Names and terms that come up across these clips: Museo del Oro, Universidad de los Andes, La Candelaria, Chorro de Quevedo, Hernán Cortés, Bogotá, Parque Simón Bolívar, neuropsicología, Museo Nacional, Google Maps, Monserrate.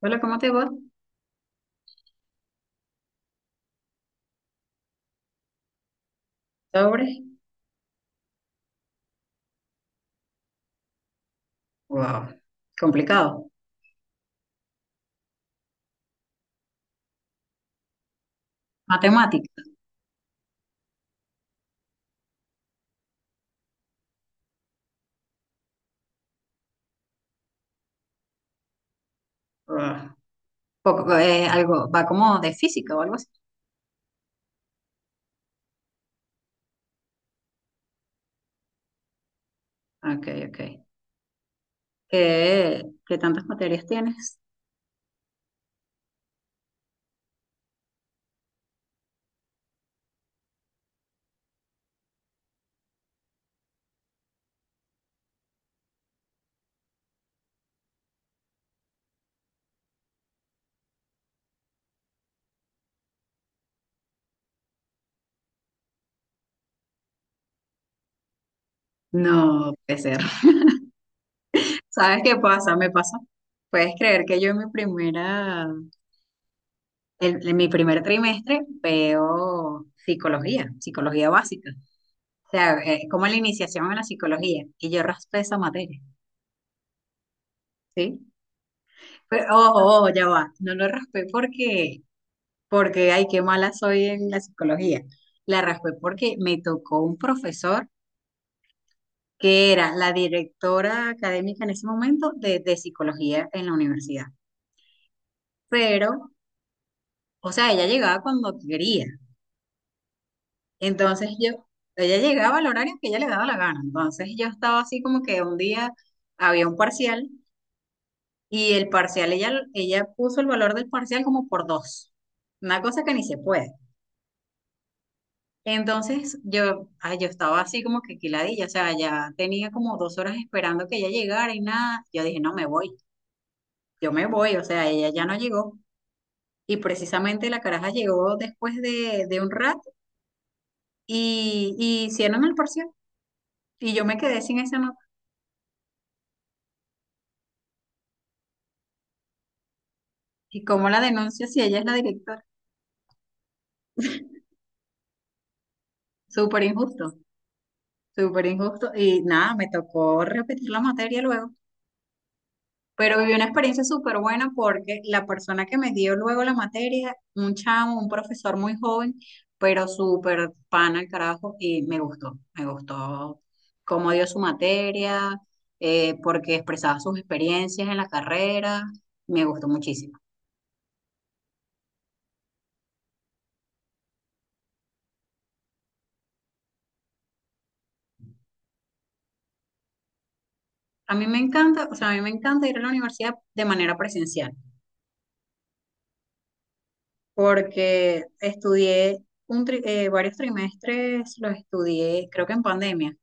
Hola, ¿cómo te va? ¿Sobre? Wow. Complicado. Matemática. Wow. Poco, algo, va como de física o algo así. Ok, ok. ¿Qué tantas materias tienes? No puede ser. ¿Sabes qué pasa? Me pasa. Puedes creer que yo en mi primer trimestre veo psicología, psicología básica. O sea, como la iniciación en la psicología. Y yo raspé esa materia, ¿sí? Pero, oh, oh, oh, ya va. No lo raspé porque, ay, qué mala soy en la psicología. La raspé porque me tocó un profesor que era la directora académica en ese momento de psicología en la universidad. Pero, o sea, ella llegaba cuando quería. Entonces ella llegaba al horario que ella le daba la gana. Entonces yo estaba así como que un día había un parcial y el parcial, ella puso el valor del parcial como por dos. Una cosa que ni se puede. Entonces ay, yo estaba así como que quiladilla, o sea, ya tenía como 2 horas esperando que ella llegara y nada. Yo dije, no, me voy, yo me voy, o sea, ella ya no llegó. Y precisamente la caraja llegó después de un rato y hicieron el parcial. Y yo me quedé sin esa nota. ¿Y cómo la denuncio si ella es la directora? Súper injusto, súper injusto. Y nada, me tocó repetir la materia luego. Pero viví una experiencia súper buena porque la persona que me dio luego la materia, un chamo, un profesor muy joven, pero súper pana el carajo, y me gustó cómo dio su materia, porque expresaba sus experiencias en la carrera, me gustó muchísimo. A mí me encanta, o sea, a mí me encanta ir a la universidad de manera presencial, porque estudié varios trimestres, los estudié, creo que en pandemia.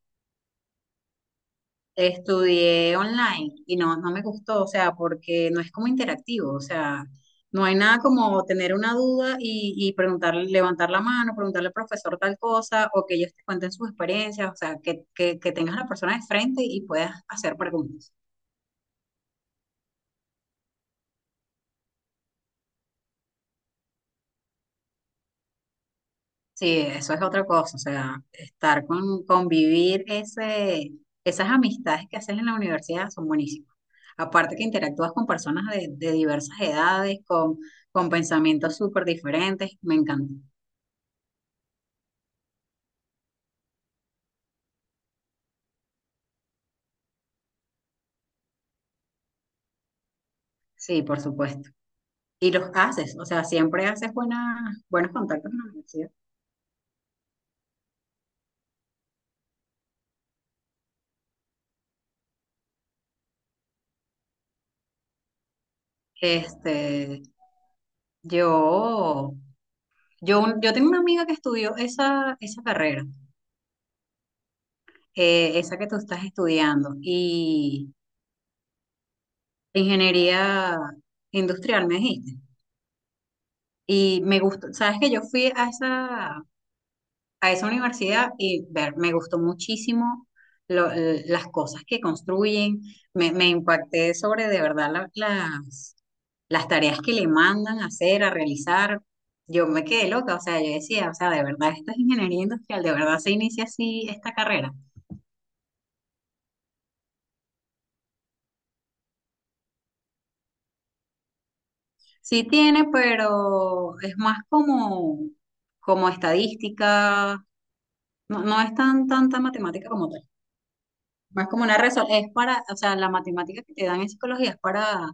Estudié online y no me gustó, o sea, porque no es como interactivo, o sea, no hay nada como tener una duda y preguntarle, levantar la mano, preguntarle al profesor tal cosa, o que ellos te cuenten sus experiencias, o sea, que tengas a la persona de frente y puedas hacer preguntas. Sí, eso es otra cosa, o sea, estar convivir esas amistades que haces en la universidad son buenísimas. Aparte que interactúas con personas de diversas edades, con pensamientos súper diferentes, me encanta. Sí, por supuesto. Y los haces, o sea, siempre haces buenos contactos en la universidad. Este, yo, yo tengo una amiga que estudió esa carrera, esa que tú estás estudiando, y ingeniería industrial, me dijiste. Y me gustó, sabes que yo fui a esa universidad y ver, me gustó muchísimo las cosas que construyen, me impacté sobre de verdad las tareas que le mandan a hacer, a realizar. Yo me quedé loca, o sea, yo decía, o sea, de verdad, esta es ingeniería industrial, de verdad se inicia así esta carrera. Sí tiene, pero es más como estadística. No, no es tanta matemática como tal. Más como una resolución. Es para, o sea, la matemática que te dan en psicología es para,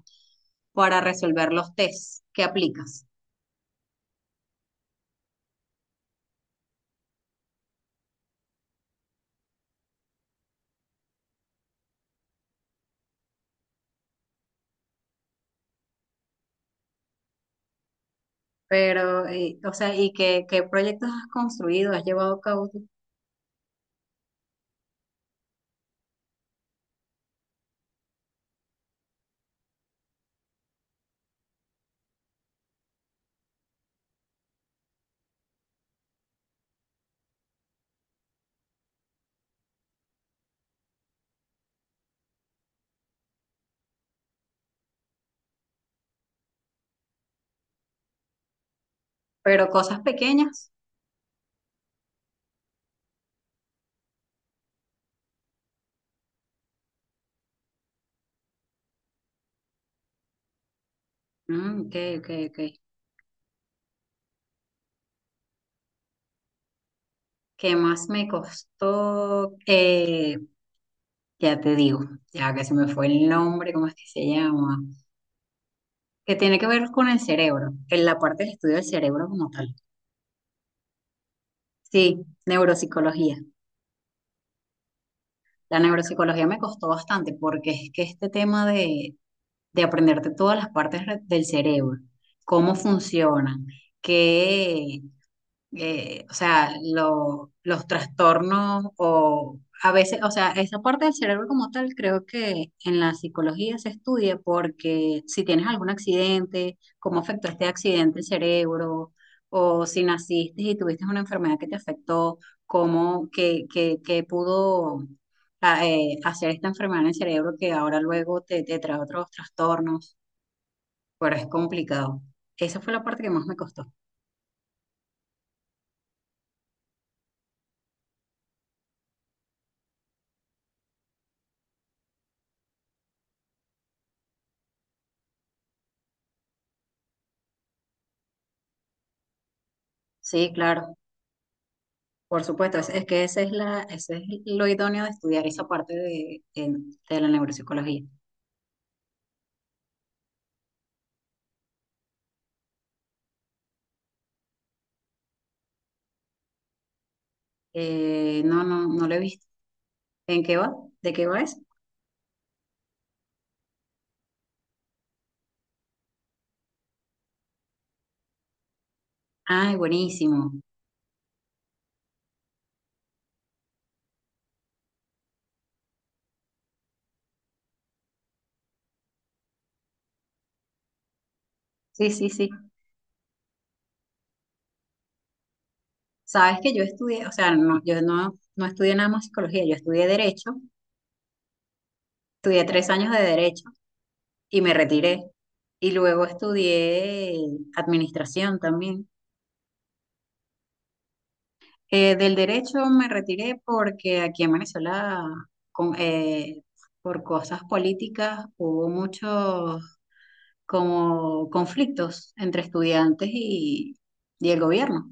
para resolver los tests que aplicas. Pero, o sea, ¿y qué proyectos has construido, has llevado a cabo tú? Pero cosas pequeñas. Mm, ok, ok, ok. ¿Qué más me costó? Ya te digo, ya que se me fue el nombre, ¿cómo es que se llama? Que tiene que ver con el cerebro, en la parte del estudio del cerebro como tal. Sí, neuropsicología. La neuropsicología me costó bastante porque es que este tema de aprenderte todas las partes del cerebro, cómo funcionan, qué, o sea, los trastornos o a veces, o sea, esa parte del cerebro como tal creo que en la psicología se estudia porque si tienes algún accidente, cómo afectó este accidente el cerebro, o si naciste y tuviste una enfermedad que te afectó, cómo, que pudo hacer esta enfermedad en el cerebro que ahora luego te trae otros trastornos, pero es complicado. Esa fue la parte que más me costó. Sí, claro. Por supuesto, es que ese es lo idóneo de estudiar esa parte de la neuropsicología. No, no, no lo he visto. ¿En qué va? ¿De qué va eso? Ay, buenísimo. Sí, sí, sí. Sabes que yo estudié, o sea, no, yo no estudié nada más psicología, yo estudié derecho, estudié 3 años de derecho y me retiré. Y luego estudié administración también. Del derecho me retiré porque aquí en Venezuela, con- eh, por cosas políticas, hubo muchos como conflictos entre estudiantes y el gobierno.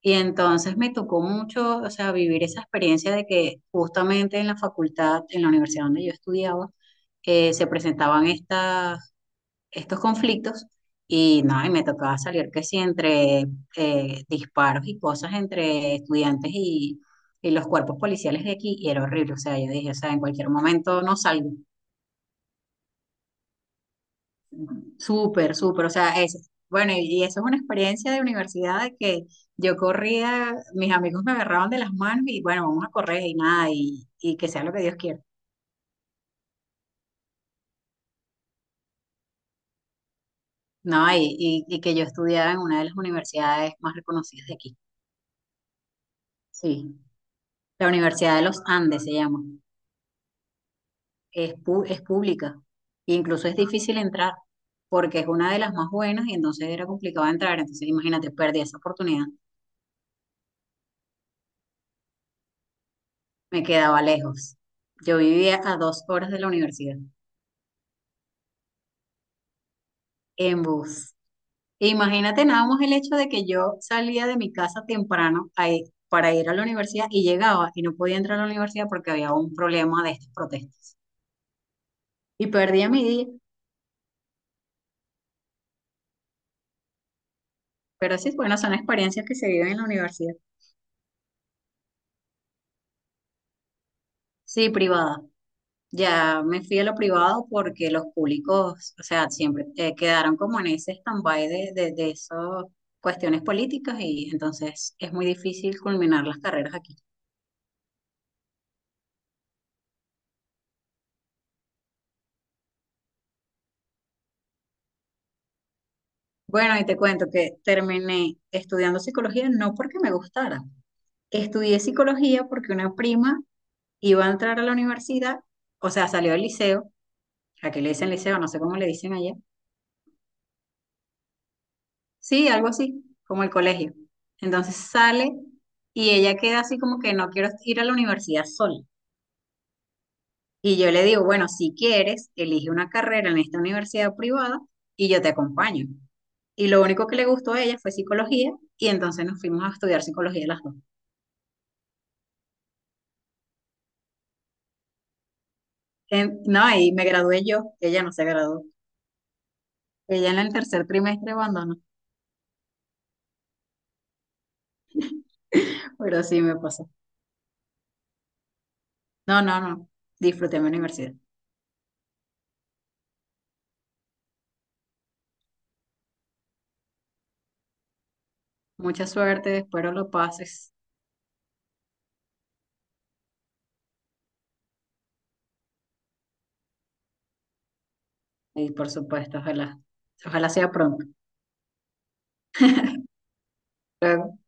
Y entonces me tocó mucho, o sea, vivir esa experiencia de que justamente en la facultad, en la universidad donde yo estudiaba, se presentaban estas estos conflictos y no, y me tocaba salir que sí entre disparos y cosas entre estudiantes y los cuerpos policiales de aquí y era horrible, o sea, yo dije, o sea, en cualquier momento no salgo, súper, súper, o sea, bueno, y eso es una experiencia de universidad de que yo corría, mis amigos me agarraban de las manos y bueno, vamos a correr y nada, y que sea lo que Dios quiera, ¿no? Y que yo estudiaba en una de las universidades más reconocidas de aquí, sí, la Universidad de los Andes se llama. Es pública. E incluso es difícil entrar porque es una de las más buenas y entonces era complicado entrar. Entonces, imagínate, perdí esa oportunidad. Me quedaba lejos. Yo vivía a 2 horas de la universidad en bus. Imagínate nada más el hecho de que yo salía de mi casa temprano para ir a la universidad y llegaba y no podía entrar a la universidad porque había un problema de estas protestas. Y perdía mi día. Pero sí, bueno, son experiencias que se viven en la universidad. Sí, privada. Ya me fui a lo privado porque los públicos, o sea, siempre quedaron como en ese stand-by de esas cuestiones políticas y entonces es muy difícil culminar las carreras aquí. Bueno, y te cuento que terminé estudiando psicología no porque me gustara. Estudié psicología porque una prima iba a entrar a la universidad, o sea, salió del liceo, a que le dicen liceo, no sé cómo le dicen allá. Sí, algo así, como el colegio. Entonces sale y ella queda así como que no quiero ir a la universidad sola. Y yo le digo, bueno, si quieres, elige una carrera en esta universidad privada y yo te acompaño. Y lo único que le gustó a ella fue psicología y entonces nos fuimos a estudiar psicología las dos. No, y me gradué yo, ella no se graduó. Ella en el tercer trimestre abandonó, pero sí me pasó. No, no, no, disfruté mi universidad. Mucha suerte, espero lo pases. Y por supuesto, ojalá, ojalá sea pronto. Luego